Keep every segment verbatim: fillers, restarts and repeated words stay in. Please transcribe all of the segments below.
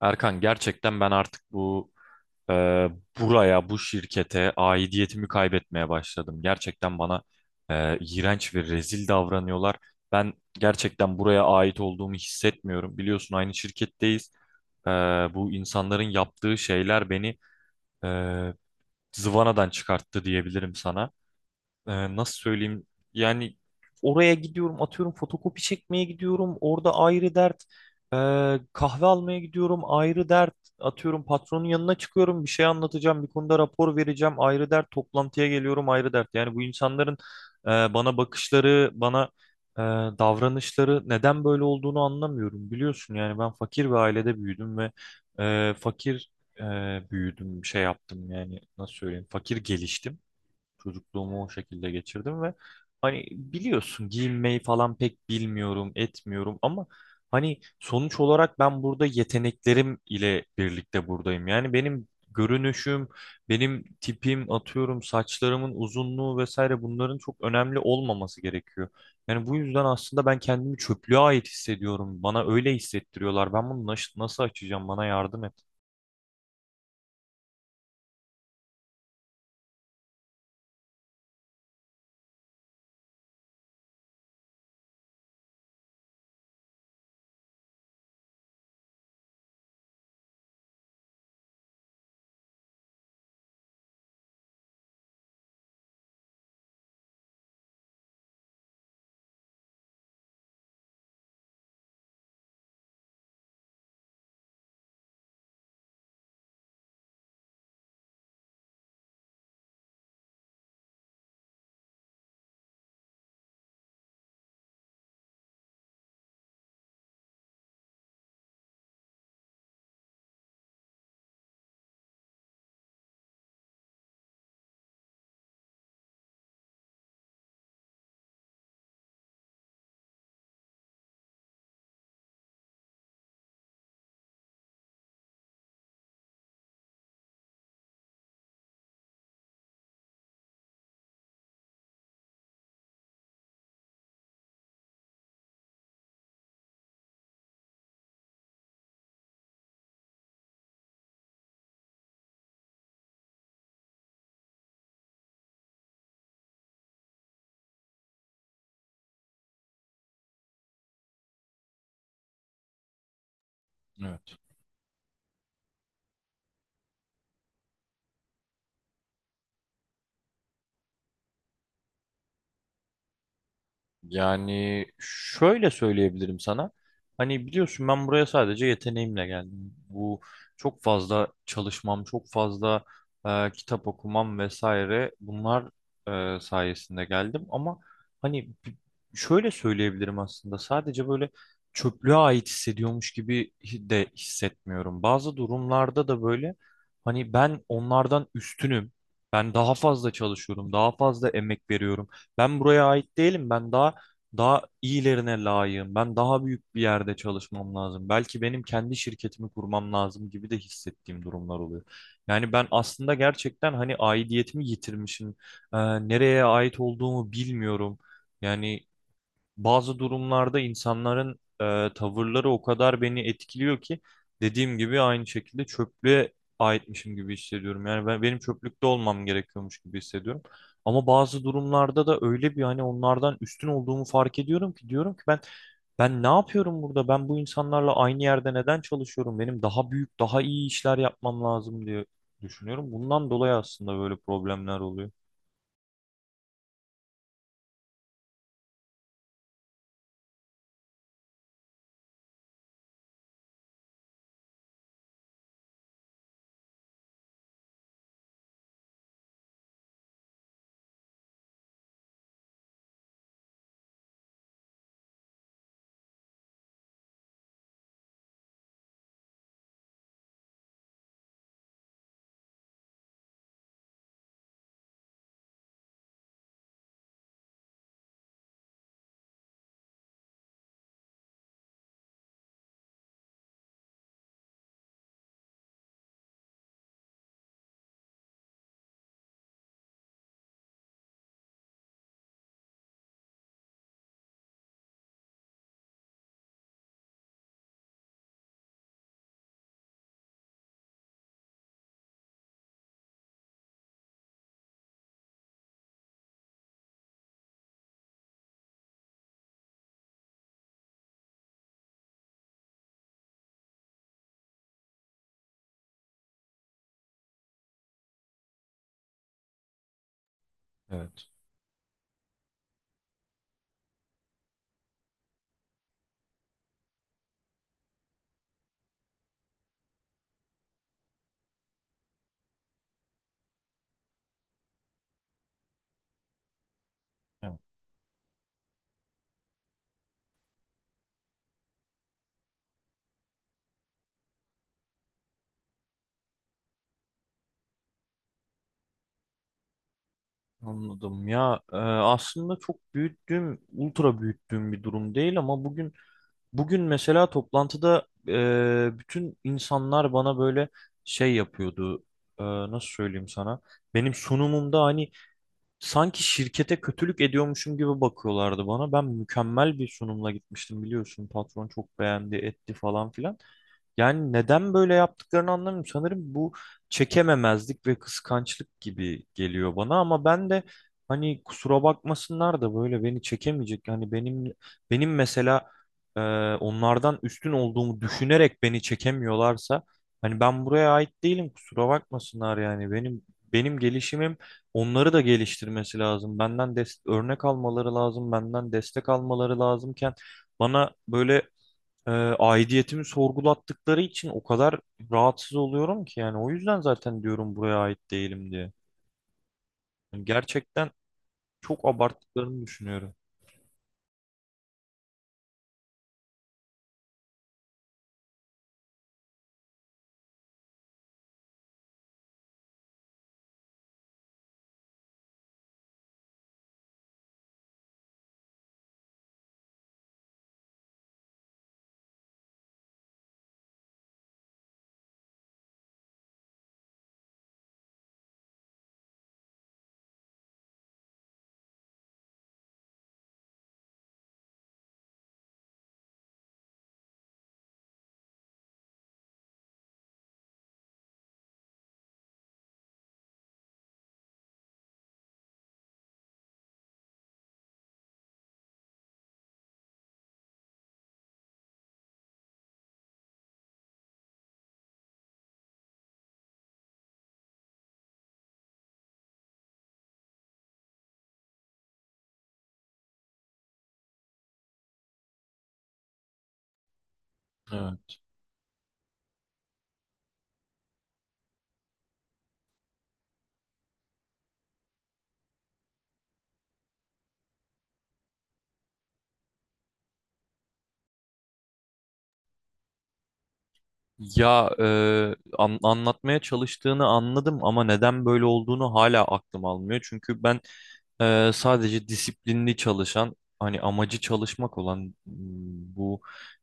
Erkan gerçekten ben artık bu e, buraya, bu şirkete aidiyetimi kaybetmeye başladım. Gerçekten bana e, iğrenç ve rezil davranıyorlar. Ben gerçekten buraya ait olduğumu hissetmiyorum. Biliyorsun aynı şirketteyiz. E, Bu insanların yaptığı şeyler beni e, zıvanadan çıkarttı diyebilirim sana. E, nasıl söyleyeyim yani, oraya gidiyorum, atıyorum fotokopi çekmeye gidiyorum, orada ayrı dert. E, Kahve almaya gidiyorum ayrı dert, atıyorum patronun yanına çıkıyorum, bir şey anlatacağım, bir konuda rapor vereceğim ayrı dert, toplantıya geliyorum ayrı dert. Yani bu insanların e, bana bakışları, bana e, davranışları neden böyle olduğunu anlamıyorum. Biliyorsun yani, ben fakir bir ailede büyüdüm ve e, fakir e, büyüdüm, şey yaptım, yani nasıl söyleyeyim, fakir geliştim. Çocukluğumu o şekilde geçirdim ve hani biliyorsun, giyinmeyi falan pek bilmiyorum, etmiyorum, ama hani sonuç olarak ben burada yeteneklerim ile birlikte buradayım. Yani benim görünüşüm, benim tipim, atıyorum saçlarımın uzunluğu vesaire, bunların çok önemli olmaması gerekiyor. Yani bu yüzden aslında ben kendimi çöplüğe ait hissediyorum. Bana öyle hissettiriyorlar. Ben bunu naş- nasıl açacağım? Bana yardım et. Evet. Yani şöyle söyleyebilirim sana. Hani biliyorsun, ben buraya sadece yeteneğimle geldim. Bu çok fazla çalışmam, çok fazla e, kitap okumam vesaire, bunlar e, sayesinde geldim. Ama hani bi- şöyle söyleyebilirim, aslında sadece böyle çöplüğe ait hissediyormuş gibi hi- de hissetmiyorum. Bazı durumlarda da böyle, hani ben onlardan üstünüm. Ben daha fazla çalışıyorum, daha fazla emek veriyorum. Ben buraya ait değilim. Ben daha daha iyilerine layığım. Ben daha büyük bir yerde çalışmam lazım. Belki benim kendi şirketimi kurmam lazım gibi de hissettiğim durumlar oluyor. Yani ben aslında gerçekten hani aidiyetimi yitirmişim. Ee, Nereye ait olduğumu bilmiyorum. Yani bazı durumlarda insanların e, tavırları o kadar beni etkiliyor ki, dediğim gibi aynı şekilde çöplüğe aitmişim gibi hissediyorum. Yani ben, benim çöplükte olmam gerekiyormuş gibi hissediyorum. Ama bazı durumlarda da öyle bir, hani onlardan üstün olduğumu fark ediyorum ki diyorum ki, ben ben ne yapıyorum burada? Ben bu insanlarla aynı yerde neden çalışıyorum? Benim daha büyük, daha iyi işler yapmam lazım diye düşünüyorum. Bundan dolayı aslında böyle problemler oluyor. Evet. Anladım ya, e, aslında çok büyüttüğüm, ultra büyüttüğüm bir durum değil, ama bugün bugün mesela toplantıda e, bütün insanlar bana böyle şey yapıyordu. E, nasıl söyleyeyim sana, benim sunumumda hani sanki şirkete kötülük ediyormuşum gibi bakıyorlardı bana. Ben mükemmel bir sunumla gitmiştim, biliyorsun patron çok beğendi etti falan filan. Yani neden böyle yaptıklarını anlamıyorum. Sanırım bu çekememezlik ve kıskançlık gibi geliyor bana, ama ben de hani kusura bakmasınlar da böyle beni çekemeyecek. Hani benim, benim mesela e, onlardan üstün olduğumu düşünerek beni çekemiyorlarsa, hani ben buraya ait değilim, kusura bakmasınlar. Yani benim benim gelişimim onları da geliştirmesi lazım. Benden dest- örnek almaları lazım, benden destek almaları lazımken bana böyle e, aidiyetimi sorgulattıkları için o kadar rahatsız oluyorum ki, yani o yüzden zaten diyorum buraya ait değilim diye. Yani gerçekten çok abarttıklarını düşünüyorum. Evet. Ya e, an- anlatmaya çalıştığını anladım, ama neden böyle olduğunu hala aklım almıyor. Çünkü ben e, sadece disiplinli çalışan, hani amacı çalışmak olan, m, bu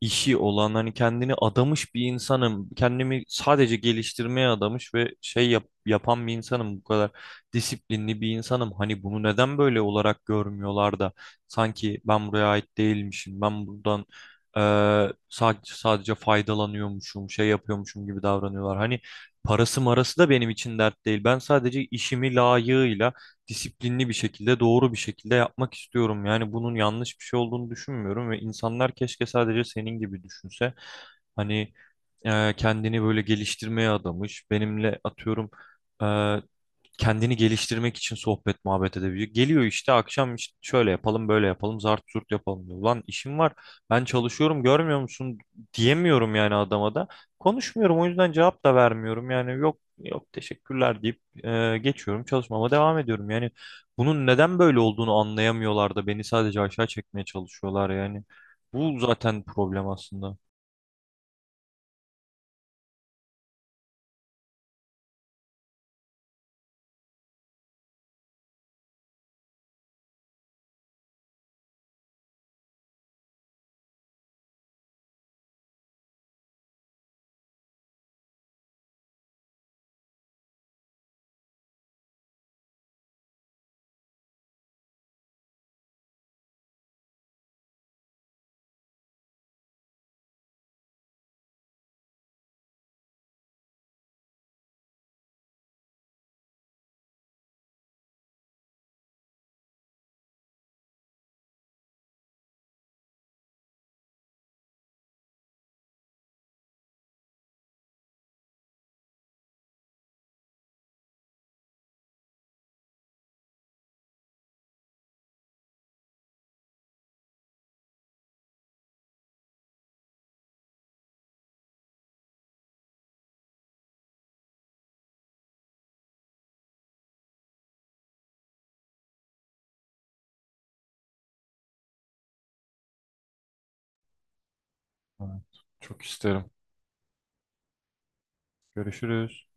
işi olan, hani kendini adamış bir insanım. Kendimi sadece geliştirmeye adamış ve şey yap- yapan bir insanım. Bu kadar disiplinli bir insanım. Hani bunu neden böyle olarak görmüyorlar da sanki ben buraya ait değilmişim. Ben buradan Eee, sadece, sadece faydalanıyormuşum, şey yapıyormuşum gibi davranıyorlar. Hani parası marası da benim için dert değil. Ben sadece işimi layığıyla, disiplinli bir şekilde, doğru bir şekilde yapmak istiyorum. Yani bunun yanlış bir şey olduğunu düşünmüyorum ve insanlar keşke sadece senin gibi düşünse. Hani eee, kendini böyle geliştirmeye adamış, benimle atıyorum e, kendini geliştirmek için sohbet muhabbet edebiliyor. Geliyor işte, akşam işte şöyle yapalım, böyle yapalım, zart zurt yapalım diyor. Ulan işim var, ben çalışıyorum, görmüyor musun diyemiyorum yani adama da. Konuşmuyorum, o yüzden cevap da vermiyorum, yani yok yok teşekkürler deyip e, geçiyorum, çalışmama devam ediyorum. Yani bunun neden böyle olduğunu anlayamıyorlar da beni sadece aşağı çekmeye çalışıyorlar yani. Bu zaten problem aslında. Evet, çok isterim. Görüşürüz.